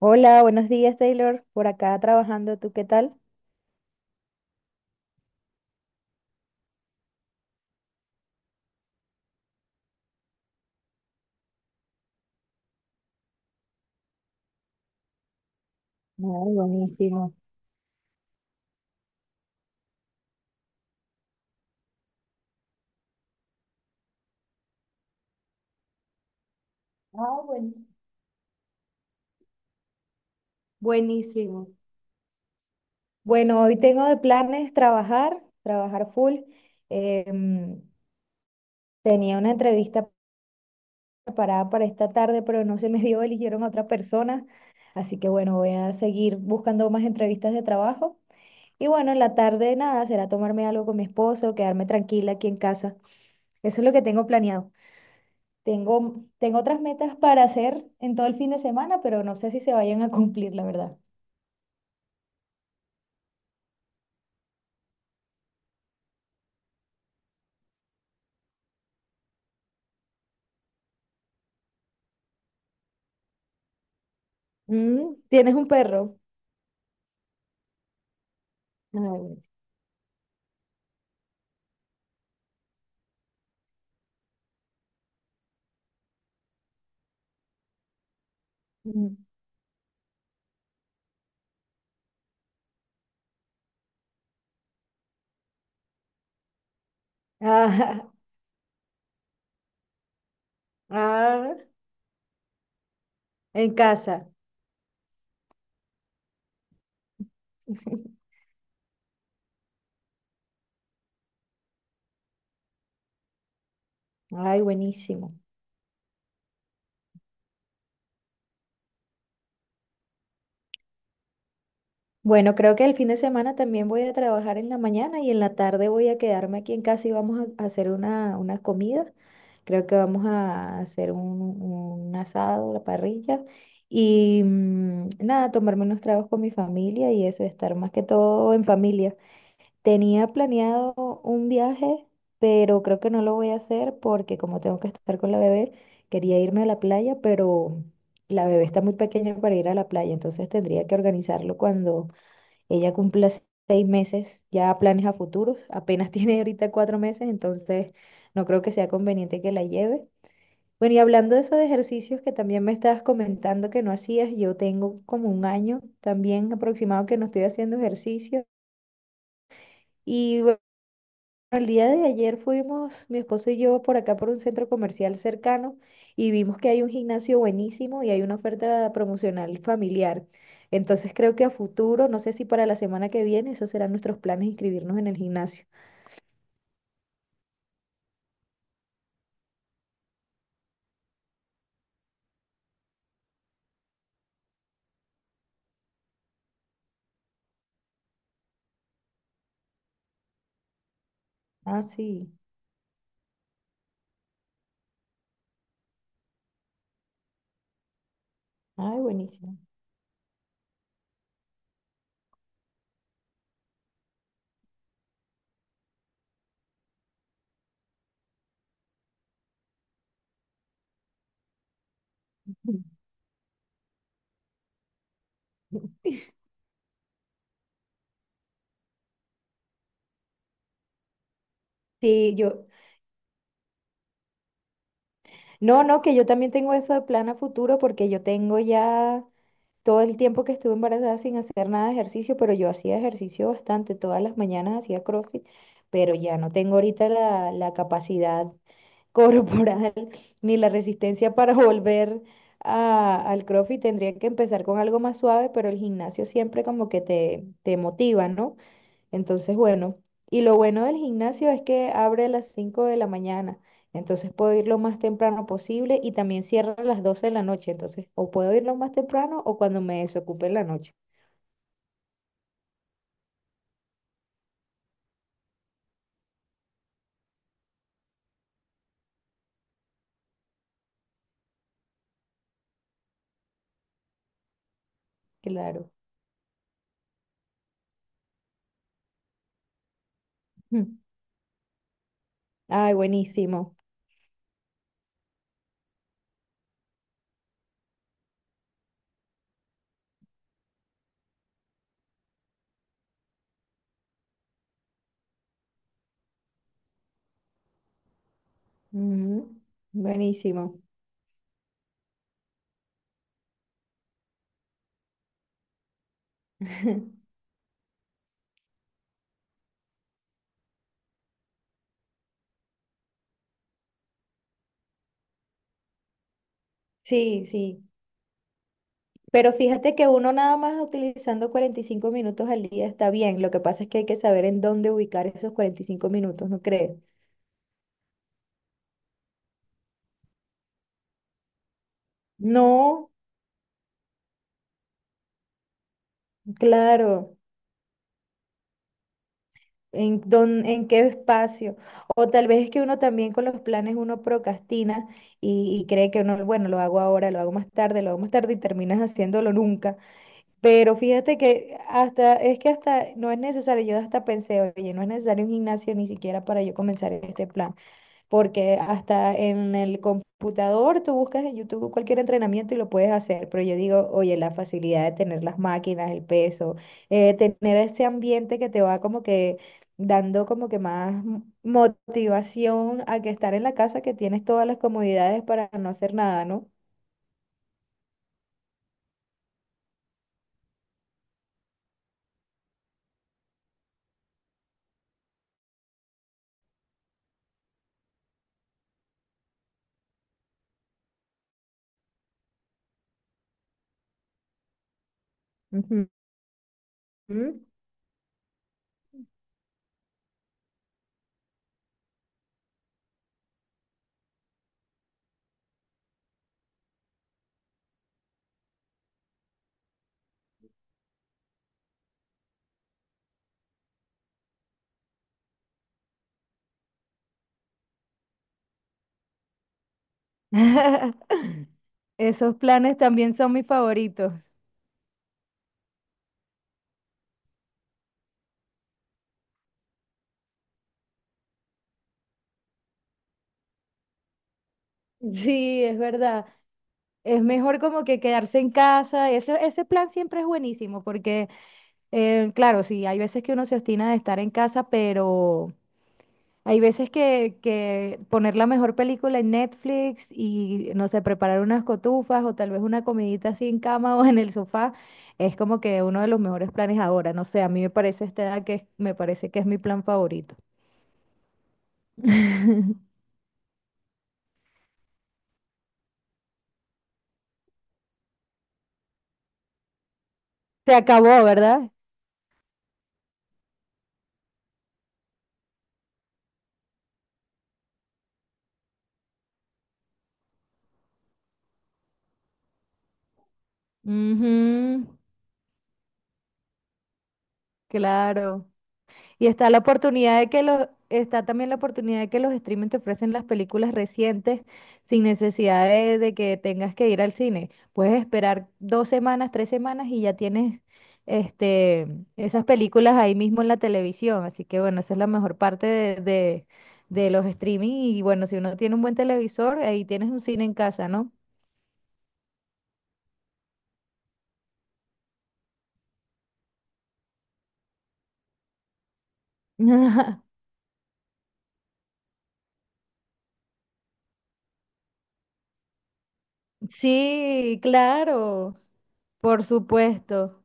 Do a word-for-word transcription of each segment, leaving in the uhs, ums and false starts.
Hola, buenos días, Taylor. Por acá trabajando, ¿tú qué tal? Ay, buenísimo. Ah, buenísimo. Buenísimo. Bueno, hoy tengo de planes trabajar, trabajar full. Em, Tenía una entrevista preparada para esta tarde, pero no se me dio, eligieron a otra persona. Así que bueno, voy a seguir buscando más entrevistas de trabajo. Y bueno, en la tarde nada, será tomarme algo con mi esposo, quedarme tranquila aquí en casa. Eso es lo que tengo planeado. Tengo, tengo otras metas para hacer en todo el fin de semana, pero no sé si se vayan a cumplir, la verdad. Mm, ¿tienes un perro? Ay, bueno. Mm. Ah, ah, en casa. Ay, buenísimo. Bueno, creo que el fin de semana también voy a trabajar en la mañana y en la tarde voy a quedarme aquí en casa y vamos a a hacer una, una comida. Creo que vamos a hacer un, un asado, la parrilla y mm, nada, tomarme unos tragos con mi familia y eso, estar más que todo en familia. Tenía planeado un viaje, pero creo que no lo voy a hacer porque como tengo que estar con la bebé, quería irme a la playa, pero la bebé está muy pequeña para ir a la playa, entonces tendría que organizarlo cuando ella cumpla se- seis meses, ya planes a futuros, apenas tiene ahorita cuatro meses, entonces no creo que sea conveniente que la lleve. Bueno, y hablando de esos ejercicios que también me estabas comentando que no hacías, yo tengo como un año también aproximado que no estoy haciendo ejercicio. Y el día de ayer fuimos, mi esposo y yo, por acá por un centro comercial cercano y vimos que hay un gimnasio buenísimo y hay una oferta promocional familiar. Entonces creo que a futuro, no sé si para la semana que viene, esos serán nuestros planes, inscribirnos en el gimnasio. Ah, sí. Ay, buenísimo. Sí, yo, no, no, que yo también tengo eso de plan a futuro porque yo tengo ya todo el tiempo que estuve embarazada sin hacer nada de ejercicio, pero yo hacía ejercicio bastante, todas las mañanas hacía CrossFit, pero ya no tengo ahorita la, la capacidad corporal ni la resistencia para volver a- al CrossFit. Tendría que empezar con algo más suave, pero el gimnasio siempre como que te, te motiva, ¿no? Entonces, bueno, y lo bueno del gimnasio es que abre a las cinco de la mañana, entonces puedo ir lo más temprano posible y también cierra a las doce de la noche, entonces o puedo ir lo más temprano o cuando me desocupe en la noche. Claro. Mm. Ay, buenísimo. Ujú. Buenísimo. Sí, sí. Pero fíjate que uno nada más utilizando cuarenta y cinco minutos al día está bien. Lo que pasa es que hay que saber en dónde ubicar esos cuarenta y cinco minutos, ¿no crees? No, claro. En, dón- en qué espacio. O tal vez es que uno también con los planes uno procrastina y, y cree que uno, bueno, lo hago ahora, lo hago más tarde, lo hago más tarde y terminas haciéndolo nunca. Pero fíjate que hasta, es que hasta no es necesario, yo hasta pensé, oye, no es necesario un gimnasio ni siquiera para yo comenzar este plan porque hasta en el computador tú buscas en YouTube cualquier entrenamiento y lo puedes hacer, pero yo digo, oye, la facilidad de tener las máquinas, el peso, eh, tener ese ambiente que te va como que dando como que más m- motivación a que estar en la casa que tienes todas las comodidades para no hacer nada, ¿no? Ujú. Esos planes también son mis favoritos. Sí, es verdad. Es mejor como que quedarse en casa. Ese, ese plan siempre es buenísimo porque, eh, claro, sí, hay veces que uno se obstina de estar en casa, pero hay veces que, que poner la mejor película en Netflix y, no sé, preparar unas cotufas o tal vez una comidita así en cama o en el sofá es como que uno de los mejores planes ahora. No sé, a mí me parece esta edad que es- me parece que es mi plan favorito. Se acabó, ¿verdad? Ujú, claro. Y está la oportunidad de que los, está también la oportunidad de que los streaming te ofrecen las películas recientes sin necesidad de, de que tengas que ir al cine. Puedes esperar dos semanas, tres semanas y ya tienes este, esas películas ahí mismo en la televisión. Así que bueno, esa es la mejor parte de, de, de los streaming. Y bueno, si uno tiene un buen televisor, ahí tienes un cine en casa, ¿no? Sí, claro, por supuesto.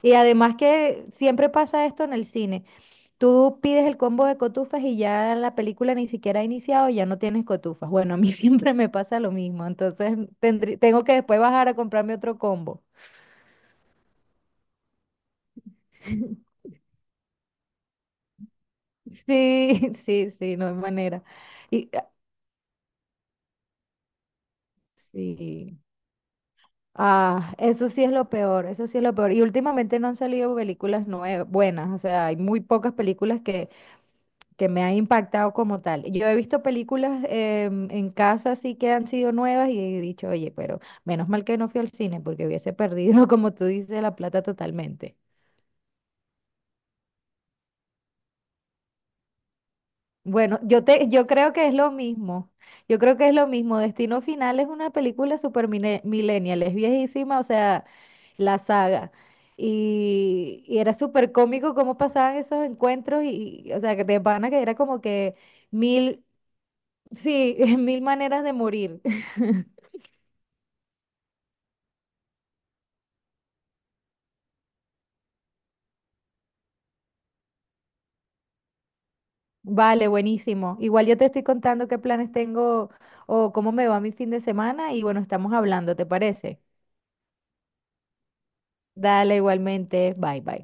Y además que siempre pasa esto en el cine. Tú pides el combo de cotufas y ya la película ni siquiera ha iniciado y ya no tienes cotufas. Bueno, a mí siempre me pasa lo mismo, entonces tendrí- tengo que después bajar a comprarme otro combo. Sí, sí, sí, no hay manera. Y ah, sí. Ah, eso sí es lo peor, eso sí es lo peor. Y últimamente no han salido películas nuevas, buenas, o sea, hay muy pocas películas que me ha impactado como tal. Yo he visto películas em, en casa así que han sido nuevas y he dicho, oye, pero menos mal que no fui al cine porque hubiese perdido, como tú dices, la plata totalmente. Bueno, yo te, yo creo que es lo mismo. Yo creo que es lo mismo. Destino Final es una película super mine- millennial, es viejísima, o sea, la saga. Y, y era súper cómico cómo pasaban esos encuentros y, y, o sea, que de pana que era como que mil, sí, mil maneras de morir. Vale, buenísimo. Igual yo te estoy contando qué planes tengo o cómo me va mi fin de semana y bueno, estamos hablando, ¿te parece? Dale, igualmente. Bye, bye.